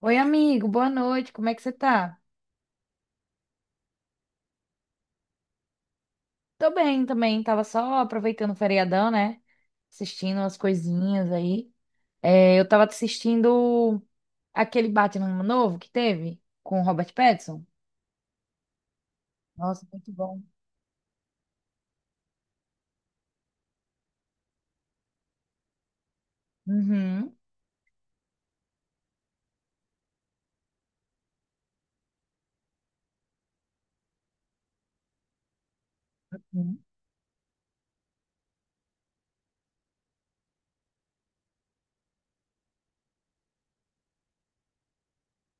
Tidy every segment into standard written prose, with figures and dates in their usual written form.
Oi, amigo, boa noite, como é que você tá? Tô bem também, tava só aproveitando o feriadão, né? Assistindo umas coisinhas aí. É, eu tava assistindo aquele Batman novo que teve com o Robert Pattinson. Nossa, muito bom. Uhum.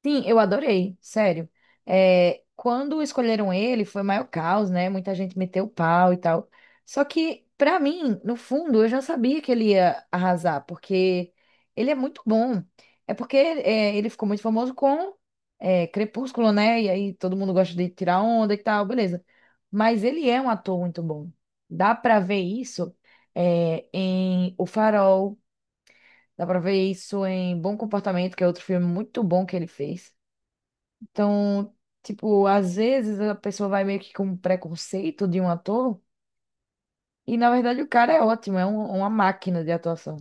Sim, eu adorei, sério. É, quando escolheram ele, foi o maior caos, né? Muita gente meteu o pau e tal. Só que, pra mim, no fundo, eu já sabia que ele ia arrasar, porque ele é muito bom. É porque ele ficou muito famoso com Crepúsculo, né? E aí todo mundo gosta de tirar onda e tal, beleza. Mas ele é um ator muito bom. Dá pra ver isso em O Farol, dá pra ver isso em Bom Comportamento, que é outro filme muito bom que ele fez. Então, tipo, às vezes a pessoa vai meio que com um preconceito de um ator, e na verdade o cara é ótimo, é uma máquina de atuação.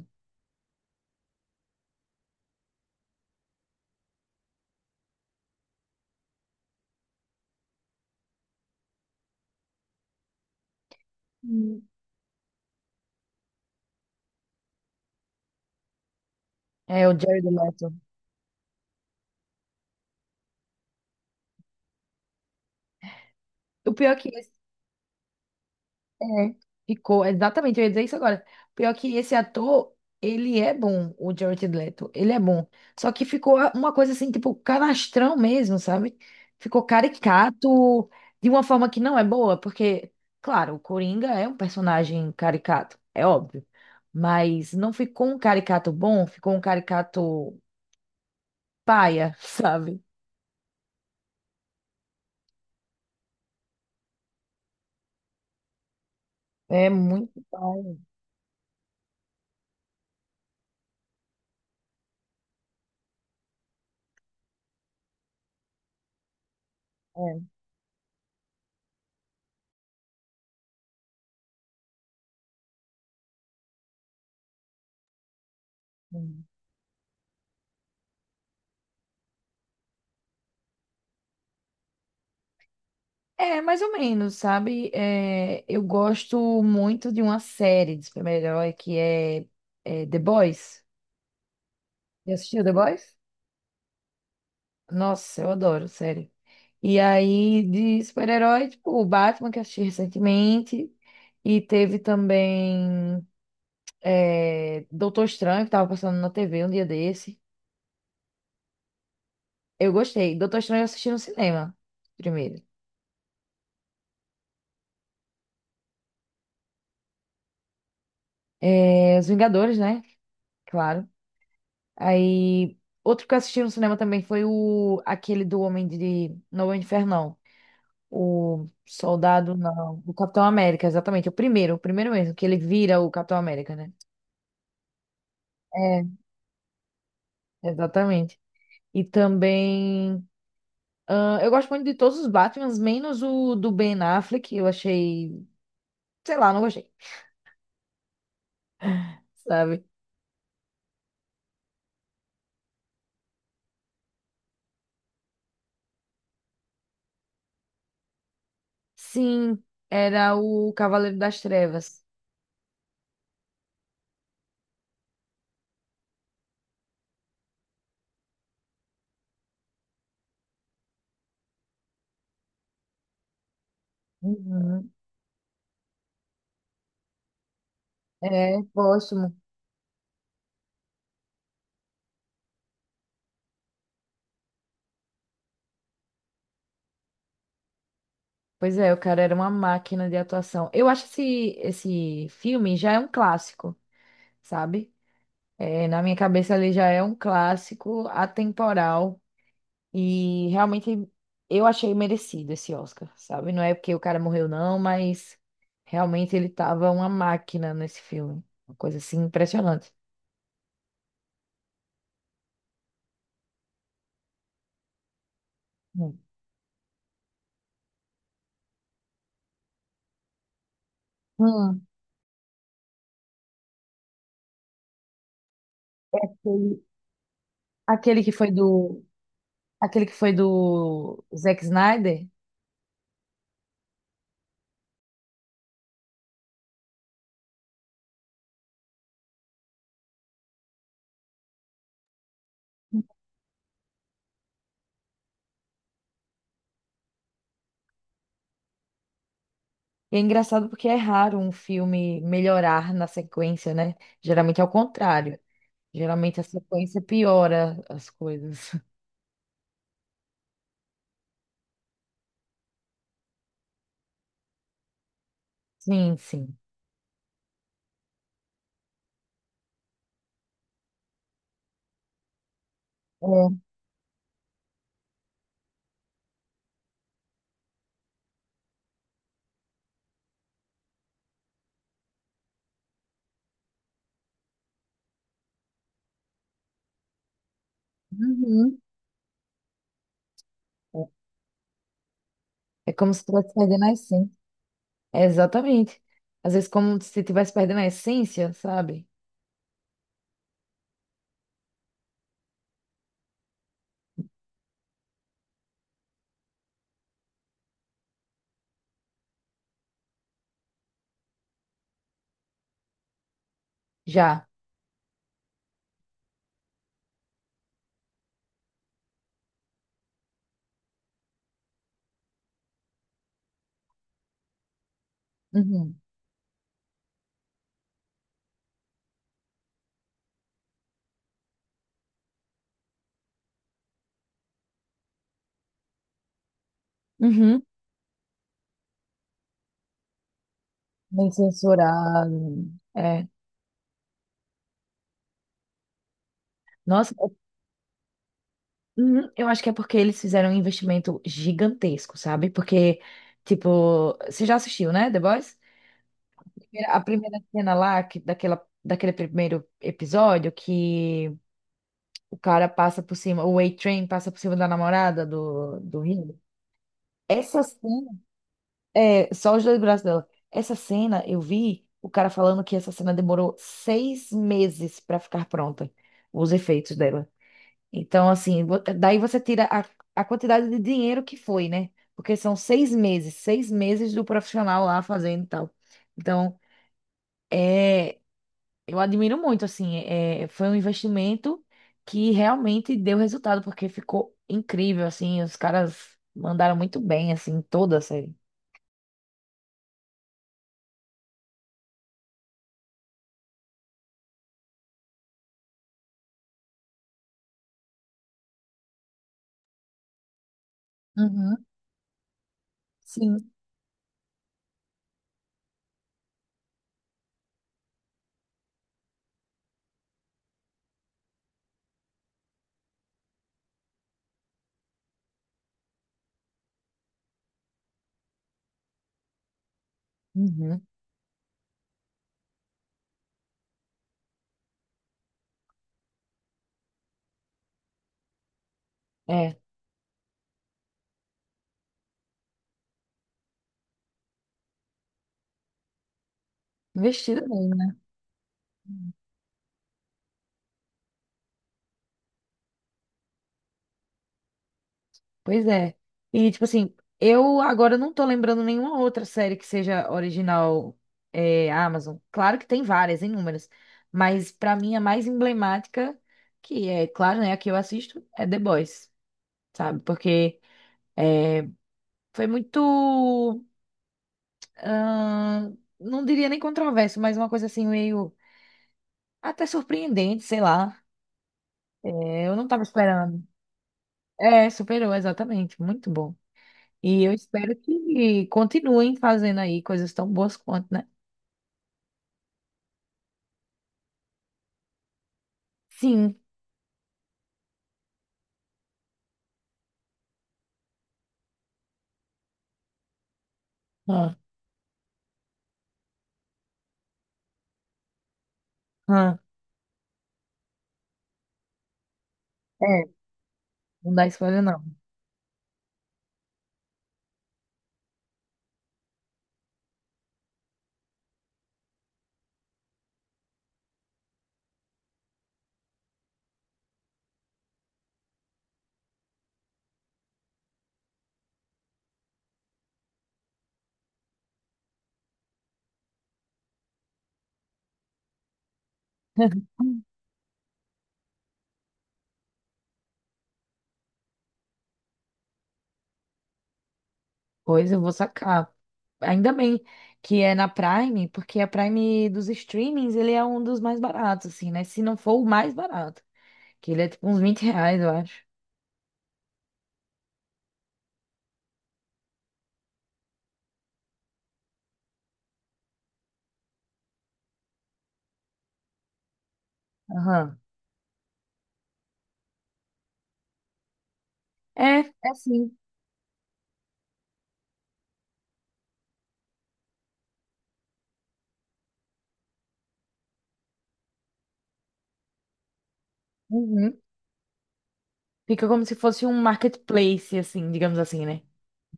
Hum. É o Jared Leto. O pior é que é, ficou, exatamente, eu ia dizer isso agora. Pior que esse ator, ele é bom, o Jared Leto, ele é bom. Só que ficou uma coisa assim, tipo, canastrão mesmo, sabe? Ficou caricato de uma forma que não é boa, porque, claro, o Coringa é um personagem caricato, é óbvio. Mas não ficou um caricato bom, ficou um caricato paia, sabe? É muito paia. É. É, mais ou menos, sabe? É, eu gosto muito de uma série de super-herói que é, é The Boys. Já assistiu The Boys? Nossa, eu adoro, sério. E aí, de super-herói, tipo, o Batman, que eu assisti recentemente. E teve também Doutor Estranho, que tava passando na TV um dia desse. Eu gostei. Doutor Estranho eu assisti no cinema, primeiro. É, Os Vingadores, né? Claro. Aí, outro que eu assisti no cinema também foi o aquele do Homem de. Não, Homem de Ferro, não. O Soldado, não. O Capitão América, exatamente. O primeiro mesmo, que ele vira o Capitão América, né? É, exatamente. E também. Ah, eu gosto muito de todos os Batmans, menos o do Ben Affleck. Eu achei. Sei lá, não gostei. Sabe? Sim, era o Cavaleiro das Trevas. Uhum. É, próximo. Pois é, o cara era uma máquina de atuação. Esse filme já é um clássico, sabe? É, na minha cabeça ele já é um clássico atemporal e realmente eu achei merecido esse Oscar, sabe? Não é porque o cara morreu não, mas realmente ele tava uma máquina nesse filme. Uma coisa assim impressionante. Hum. Hum. Aquele aquele que foi do aquele que foi do Zack Snyder. E é engraçado porque é raro um filme melhorar na sequência, né? Geralmente é o contrário. Geralmente a sequência piora as coisas. Sim, sim. É. Uhum. É como se estivesse perdendo a essência. É, exatamente. Às vezes, como se estivesse perdendo a essência, sabe? Já. Uhum. Uhum. Bem censurado. É. Nossa, é- uhum. Eu acho que é porque eles fizeram um investimento gigantesco, sabe? Porque, tipo, você já assistiu, né, The Boys? A primeira cena lá, que, daquela, daquele primeiro episódio, que o cara passa por cima, o A-Train passa por cima da namorada do, do Rio. Essa cena, é, só os dois braços dela. Essa cena, eu vi o cara falando que essa cena demorou seis meses para ficar pronta, os efeitos dela. Então, assim, daí você tira a quantidade de dinheiro que foi, né? Porque são seis meses do profissional lá fazendo e tal. Então, é. Eu admiro muito, assim, é, foi um investimento que realmente deu resultado, porque ficou incrível, assim, os caras mandaram muito bem, assim, em toda a série. Uhum, sim, Uhum. É, investido, bem, né? Pois é. E, tipo assim, eu agora não tô lembrando nenhuma outra série que seja original, é, Amazon. Claro que tem várias, inúmeras, mas pra mim a mais emblemática, que é, claro, né, a que eu assisto, é The Boys, sabe? Porque é, foi muito, ah, não diria nem controverso, mas uma coisa assim meio até surpreendente, sei lá. É, eu não estava esperando. É, superou, exatamente. Muito bom. E eu espero que continuem fazendo aí coisas tão boas quanto, né? Sim. Ah, ah. É, não dá spoiler, não. Pois eu vou sacar. Ainda bem que é na Prime, porque a Prime dos streamings, ele é um dos mais baratos, assim, né? Se não for o mais barato, que ele é tipo uns R$ 20, eu acho. Aham. É, é sim. Uhum. Fica como se fosse um marketplace, assim, digamos assim, né?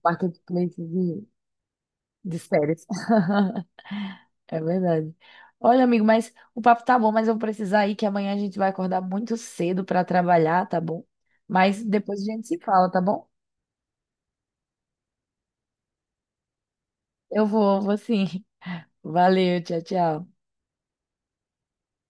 Marketplace de séries. É verdade. Olha, amigo, mas o papo tá bom, mas eu vou precisar ir, que amanhã a gente vai acordar muito cedo pra trabalhar, tá bom? Mas depois a gente se fala, tá bom? Eu vou, vou sim. Valeu, tchau, tchau.